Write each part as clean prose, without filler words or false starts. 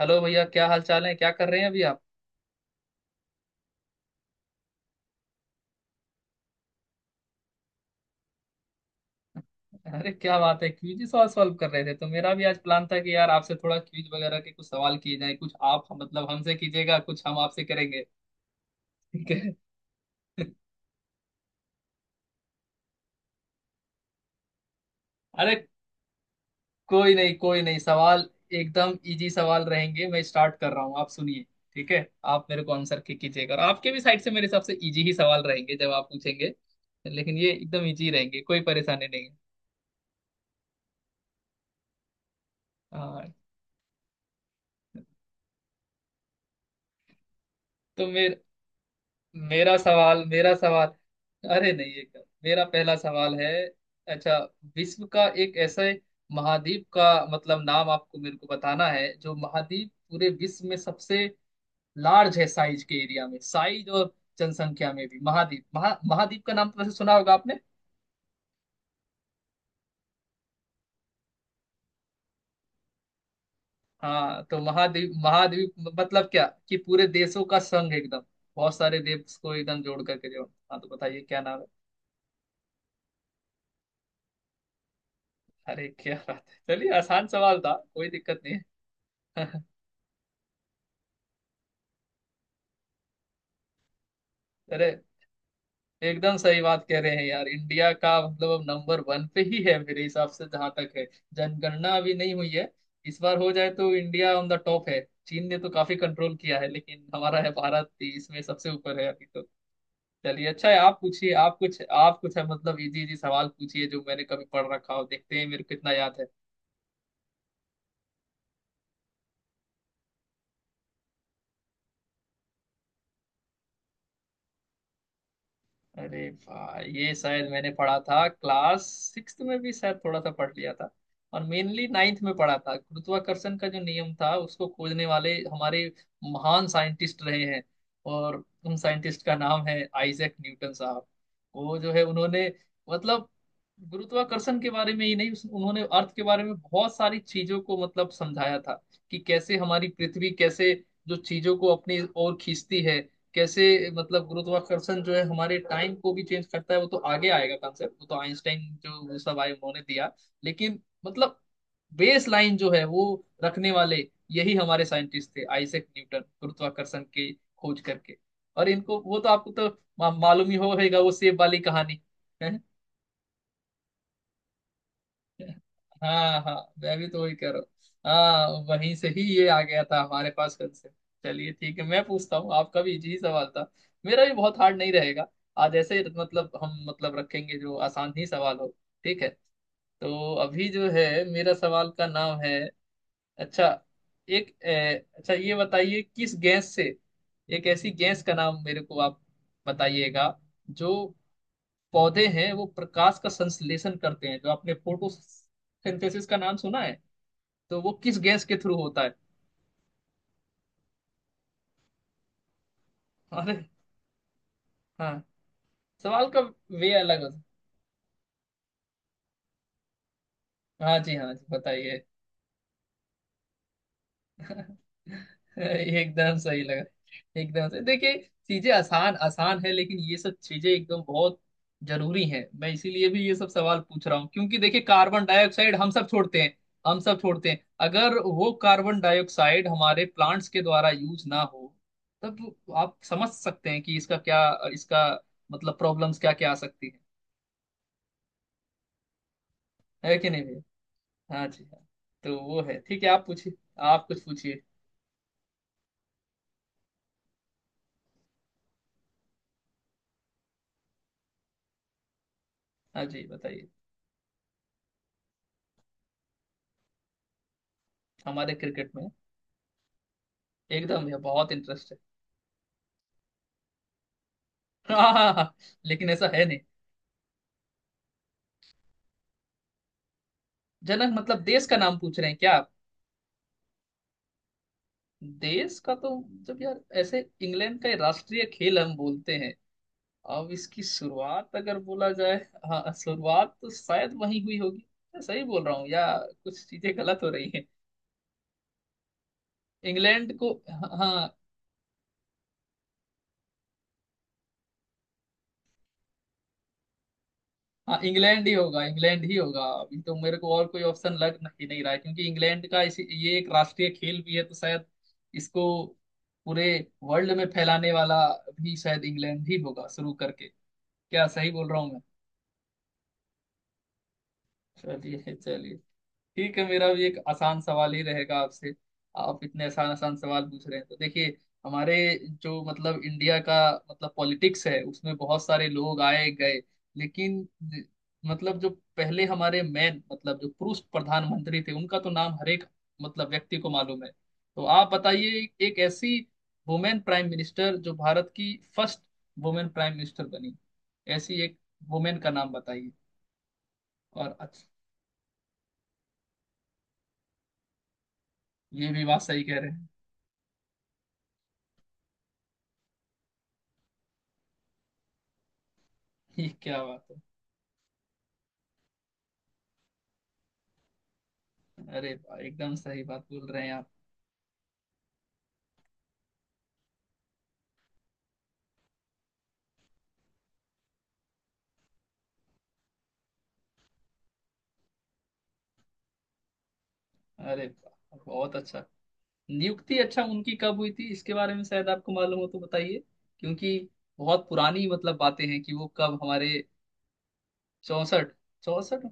Hello भैया, क्या हाल चाल है? क्या कर रहे हैं अभी आप? अरे क्या बात है, क्विज ही सवाल सॉल्व कर रहे थे। तो मेरा भी आज प्लान था कि यार, आपसे थोड़ा क्विज वगैरह के कुछ सवाल किए जाए। कुछ आप मतलब हमसे कीजिएगा, कुछ हम आपसे करेंगे। ठीक है। अरे कोई नहीं कोई नहीं। सवाल एकदम इजी सवाल रहेंगे। मैं स्टार्ट कर रहा हूँ, आप सुनिए। ठीक है। आप मेरे को आंसर की कीजिएगा, और आपके भी साइड से मेरे हिसाब से इजी ही सवाल रहेंगे जब आप पूछेंगे। लेकिन ये एकदम इजी रहेंगे, कोई परेशानी नहीं है। हाँ। तो मेरे मेरा सवाल अरे नहीं, ये क्या, मेरा पहला सवाल है। अच्छा, विश्व का एक ऐसे महाद्वीप का मतलब नाम आपको मेरे को बताना है, जो महाद्वीप पूरे विश्व में सबसे लार्ज है साइज के एरिया में, साइज और जनसंख्या में भी। महाद्वीप का नाम तो वैसे सुना होगा आपने। हाँ, तो महाद्वीप महाद्वीप, मतलब क्या कि पूरे देशों का संघ, एकदम बहुत सारे देश को एकदम जोड़ करके जो। हाँ तो बताइए क्या नाम है। अरे क्या बात है, चलिए आसान सवाल था, कोई दिक्कत नहीं है। अरे एकदम सही बात कह रहे हैं यार। इंडिया का मतलब अब नंबर वन पे ही है मेरे हिसाब से, जहां तक है। जनगणना अभी नहीं हुई है। इस बार हो जाए तो इंडिया ऑन द टॉप है। चीन ने तो काफी कंट्रोल किया है, लेकिन हमारा है, भारत ही इसमें सबसे ऊपर है अभी तो। चलिए अच्छा है। आप पूछिए, आप कुछ है मतलब, इजी इजी सवाल पूछिए जो मैंने कभी पढ़ रखा हो। देखते हैं मेरे को कितना याद है। अरे भाई, ये शायद मैंने पढ़ा था क्लास सिक्स में भी, शायद थोड़ा सा पढ़ लिया था। और मेनली नाइन्थ में पढ़ा था। गुरुत्वाकर्षण का जो नियम था उसको खोजने वाले हमारे महान साइंटिस्ट रहे हैं, और उन साइंटिस्ट का नाम है आइजैक न्यूटन साहब। वो जो है, उन्होंने मतलब गुरुत्वाकर्षण के बारे में ही नहीं, उन्होंने अर्थ के बारे में बहुत सारी चीजों को मतलब समझाया था, कि कैसे हमारी पृथ्वी कैसे जो चीजों को अपनी ओर खींचती है, कैसे मतलब गुरुत्वाकर्षण जो है हमारे टाइम को भी चेंज करता है। वो तो आगे आएगा कॉन्सेप्ट, वो तो आइंस्टाइन जो वो सब आए उन्होंने दिया। लेकिन मतलब बेस लाइन जो है वो रखने वाले यही हमारे साइंटिस्ट थे आइजैक न्यूटन, गुरुत्वाकर्षण की खोज करके। और इनको, वो तो आपको तो मालूम ही होगा वो सेब वाली कहानी है। हाँ हाँ, मैं भी तो वही कर रहा हूँ हाँ। वहीं से ही ये आ गया था हमारे पास कंसेप्ट। चलिए ठीक है। मैं पूछता हूँ, आपका भी इजी ही सवाल था, मेरा भी बहुत हार्ड नहीं रहेगा। आज ऐसे ही मतलब हम मतलब रखेंगे जो आसान ही सवाल हो। ठीक है। तो अभी जो है, मेरा सवाल का नाम है। अच्छा, अच्छा ये बताइए, किस गैस से, एक ऐसी गैस का नाम मेरे को आप बताइएगा। जो पौधे हैं वो प्रकाश का संश्लेषण करते हैं, जो आपने फोटोसिंथेसिस का नाम सुना है, तो वो किस गैस के थ्रू होता है? अरे हाँ, सवाल का वे अलग होता है। हाँ जी, हाँ जी बताइए। एकदम सही लगा। एकदम से देखिए, चीजें आसान आसान है, लेकिन ये सब चीजें एकदम बहुत जरूरी हैं। मैं इसीलिए भी ये सब सवाल पूछ रहा हूँ, क्योंकि देखिए, कार्बन डाइऑक्साइड हम सब छोड़ते हैं, हम सब छोड़ते हैं। अगर वो कार्बन डाइऑक्साइड हमारे प्लांट्स के द्वारा यूज ना हो, तब आप समझ सकते हैं कि इसका क्या, इसका मतलब प्रॉब्लम्स क्या क्या आ सकती है कि नहीं भैया। हाँ जी हाँ, तो वो है। ठीक है, आप पूछिए, आप कुछ पूछिए। हाँ जी बताइए। हमारे क्रिकेट में एकदम भैया बहुत इंटरेस्ट है। हाँ, लेकिन ऐसा है नहीं। जनक मतलब देश का नाम पूछ रहे हैं क्या आप? देश का तो, जब यार ऐसे इंग्लैंड का ये राष्ट्रीय खेल हम बोलते हैं, अब इसकी शुरुआत अगर बोला जाए, हाँ शुरुआत तो शायद वहीं हुई होगी। मैं सही बोल रहा हूँ या कुछ चीजें गलत हो रही हैं? इंग्लैंड को। हाँ हाँ, इंग्लैंड ही होगा, इंग्लैंड ही होगा। अभी तो मेरे को और कोई ऑप्शन लग नहीं रहा है, क्योंकि इंग्लैंड का इसी ये एक राष्ट्रीय खेल भी है, तो शायद इसको पूरे वर्ल्ड में फैलाने वाला भी शायद इंग्लैंड ही होगा, शुरू करके। क्या सही बोल रहा हूँ? चलिए चलिए। ठीक है, मेरा भी एक आसान सवाल ही रहेगा आपसे। आप इतने आसान आसान सवाल पूछ रहे हैं तो देखिए, हमारे जो मतलब इंडिया का मतलब पॉलिटिक्स है उसमें बहुत सारे लोग आए गए, लेकिन मतलब जो पहले हमारे मैन मतलब जो पुरुष प्रधानमंत्री थे उनका तो नाम हर एक मतलब व्यक्ति को मालूम है। तो आप बताइए, एक ऐसी वुमेन प्राइम मिनिस्टर जो भारत की फर्स्ट वुमेन प्राइम मिनिस्टर बनी, ऐसी एक वुमेन का नाम बताइए। और अच्छा, ये भी बात सही कह रहे हैं। ये क्या बात है। अरे वाह, एकदम सही बात बोल रहे हैं आप। अरे वाह बहुत अच्छा। नियुक्ति, अच्छा उनकी कब हुई थी इसके बारे में शायद आपको मालूम हो तो बताइए, क्योंकि बहुत पुरानी मतलब बातें हैं, कि वो कब हमारे। चौसठ? चौसठ,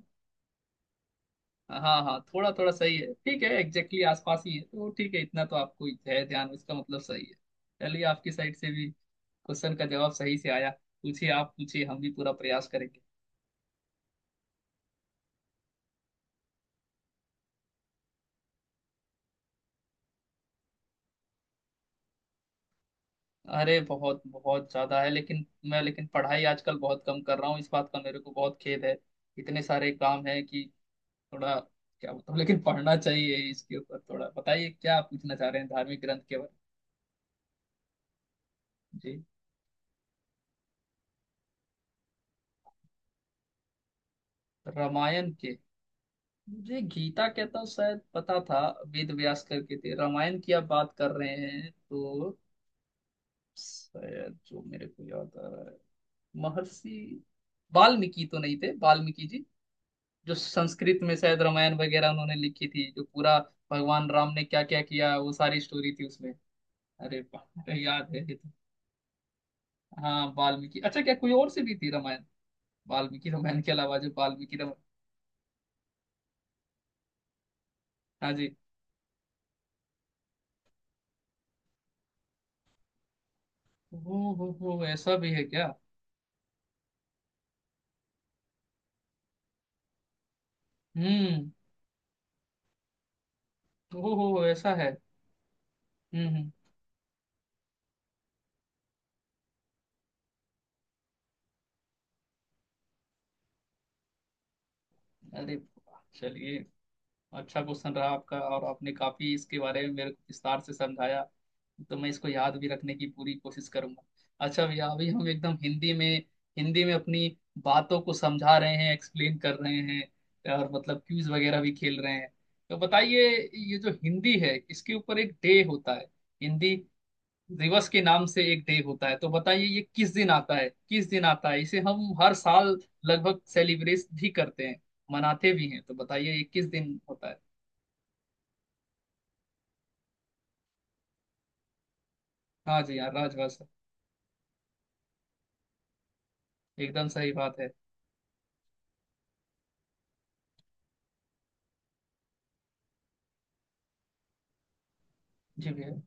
हाँ हाँ, थोड़ा थोड़ा सही है, ठीक है, एग्जैक्टली आसपास ही है। तो ठीक है, इतना तो आपको है ध्यान, इसका मतलब सही है। चलिए, आपकी साइड से भी क्वेश्चन का जवाब सही से आया। पूछिए, आप पूछिए, हम भी पूरा प्रयास करेंगे। अरे बहुत बहुत ज्यादा है, लेकिन मैं, लेकिन पढ़ाई आजकल बहुत कम कर रहा हूँ, इस बात का मेरे को बहुत खेद है। इतने सारे काम है कि थोड़ा क्या बताऊँ, लेकिन पढ़ना चाहिए इसके ऊपर थोड़ा। बताइए क्या आप पूछना चाह रहे हैं धार्मिक ग्रंथ के बारे में। जी, रामायण के, मुझे गीता के तो शायद पता था। वेद व्यास करके थे, रामायण की आप बात कर रहे हैं तो शायद जो मेरे को याद आ रहा है, महर्षि वाल्मीकि तो नहीं थे, वाल्मीकि जी, जो संस्कृत में शायद रामायण वगैरह उन्होंने लिखी थी, जो पूरा भगवान राम ने क्या क्या किया वो सारी स्टोरी थी उसमें। अरे बाप रे, याद है ये तो। हाँ वाल्मीकि। अच्छा, क्या कोई और से भी थी रामायण? वाल्मीकि रामायण के अलावा जो वाल्मीकि रामायण। हाँ जी। हो, ऐसा भी है क्या? हम्म। हो, ऐसा है। हम्म। अरे वाह, चलिए, अच्छा क्वेश्चन रहा आपका, और आपने काफी इसके बारे में मेरे को विस्तार से समझाया। तो मैं इसको याद भी रखने की पूरी कोशिश करूंगा। अच्छा भैया, अभी हम एकदम हिंदी में, हिंदी में अपनी बातों को समझा रहे हैं, एक्सप्लेन कर रहे हैं, और मतलब क्विज वगैरह भी खेल रहे हैं। तो बताइए, ये जो हिंदी है, इसके ऊपर एक डे होता है, हिंदी दिवस के नाम से एक डे होता है। तो बताइए ये किस दिन आता है, किस दिन आता है, इसे हम हर साल लगभग सेलिब्रेट भी करते हैं, मनाते भी हैं। तो बताइए ये किस दिन होता है। हाँ जी हाँ, राजभाषा। एकदम सही बात है। जी भैया।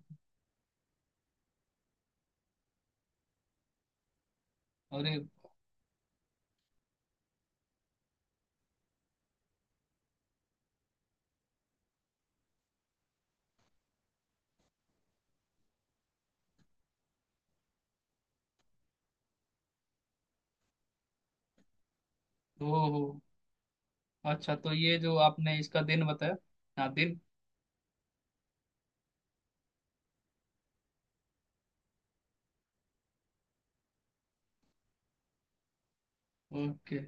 अरे। ओ हो। अच्छा, तो ये जो आपने इसका दिन बताया, हाँ दिन। ओके,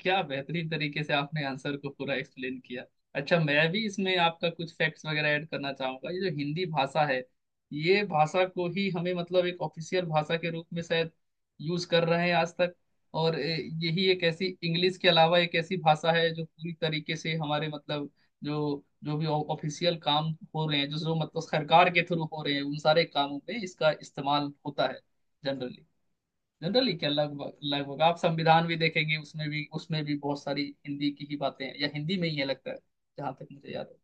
क्या बेहतरीन तरीके से आपने आंसर को पूरा एक्सप्लेन किया। अच्छा, मैं भी इसमें आपका कुछ फैक्ट्स वगैरह ऐड करना चाहूंगा। ये जो हिंदी भाषा है, ये भाषा को ही हमें मतलब एक ऑफिशियल भाषा के रूप में शायद यूज कर रहे हैं आज तक। और यही एक ऐसी, इंग्लिश के अलावा एक ऐसी भाषा है, जो पूरी तरीके से हमारे मतलब जो जो भी ऑफिशियल काम हो रहे हैं, जो जो मतलब सरकार के थ्रू हो रहे हैं, उन सारे कामों में इसका इस्तेमाल होता है। जनरली, क्या लगभग लगभग, आप संविधान भी देखेंगे, उसमें भी बहुत सारी हिंदी की ही बातें हैं, या हिंदी में ही है लगता है, जहां तक मुझे याद है।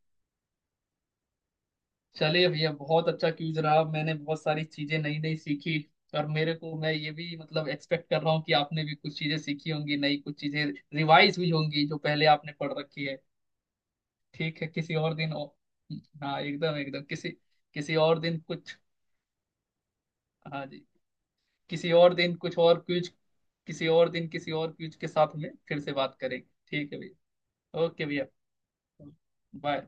चलिए भैया, बहुत अच्छा क्यूज रहा, मैंने बहुत सारी चीजें नई नई सीखी, और मेरे को, मैं ये भी मतलब एक्सपेक्ट कर रहा हूँ कि आपने भी कुछ चीजें सीखी होंगी नई, कुछ चीजें रिवाइज हुई होंगी जो पहले आपने पढ़ रखी है। ठीक है, किसी और दिन और-। हाँ एकदम एकदम, किसी, किसी और दिन कुछ, हाँ जी, किसी और दिन कुछ और क्यूज, किसी और दिन किसी और क्यूज के साथ में फिर से बात करेंगे, ठीक है भैया। ओके भैया। बाय।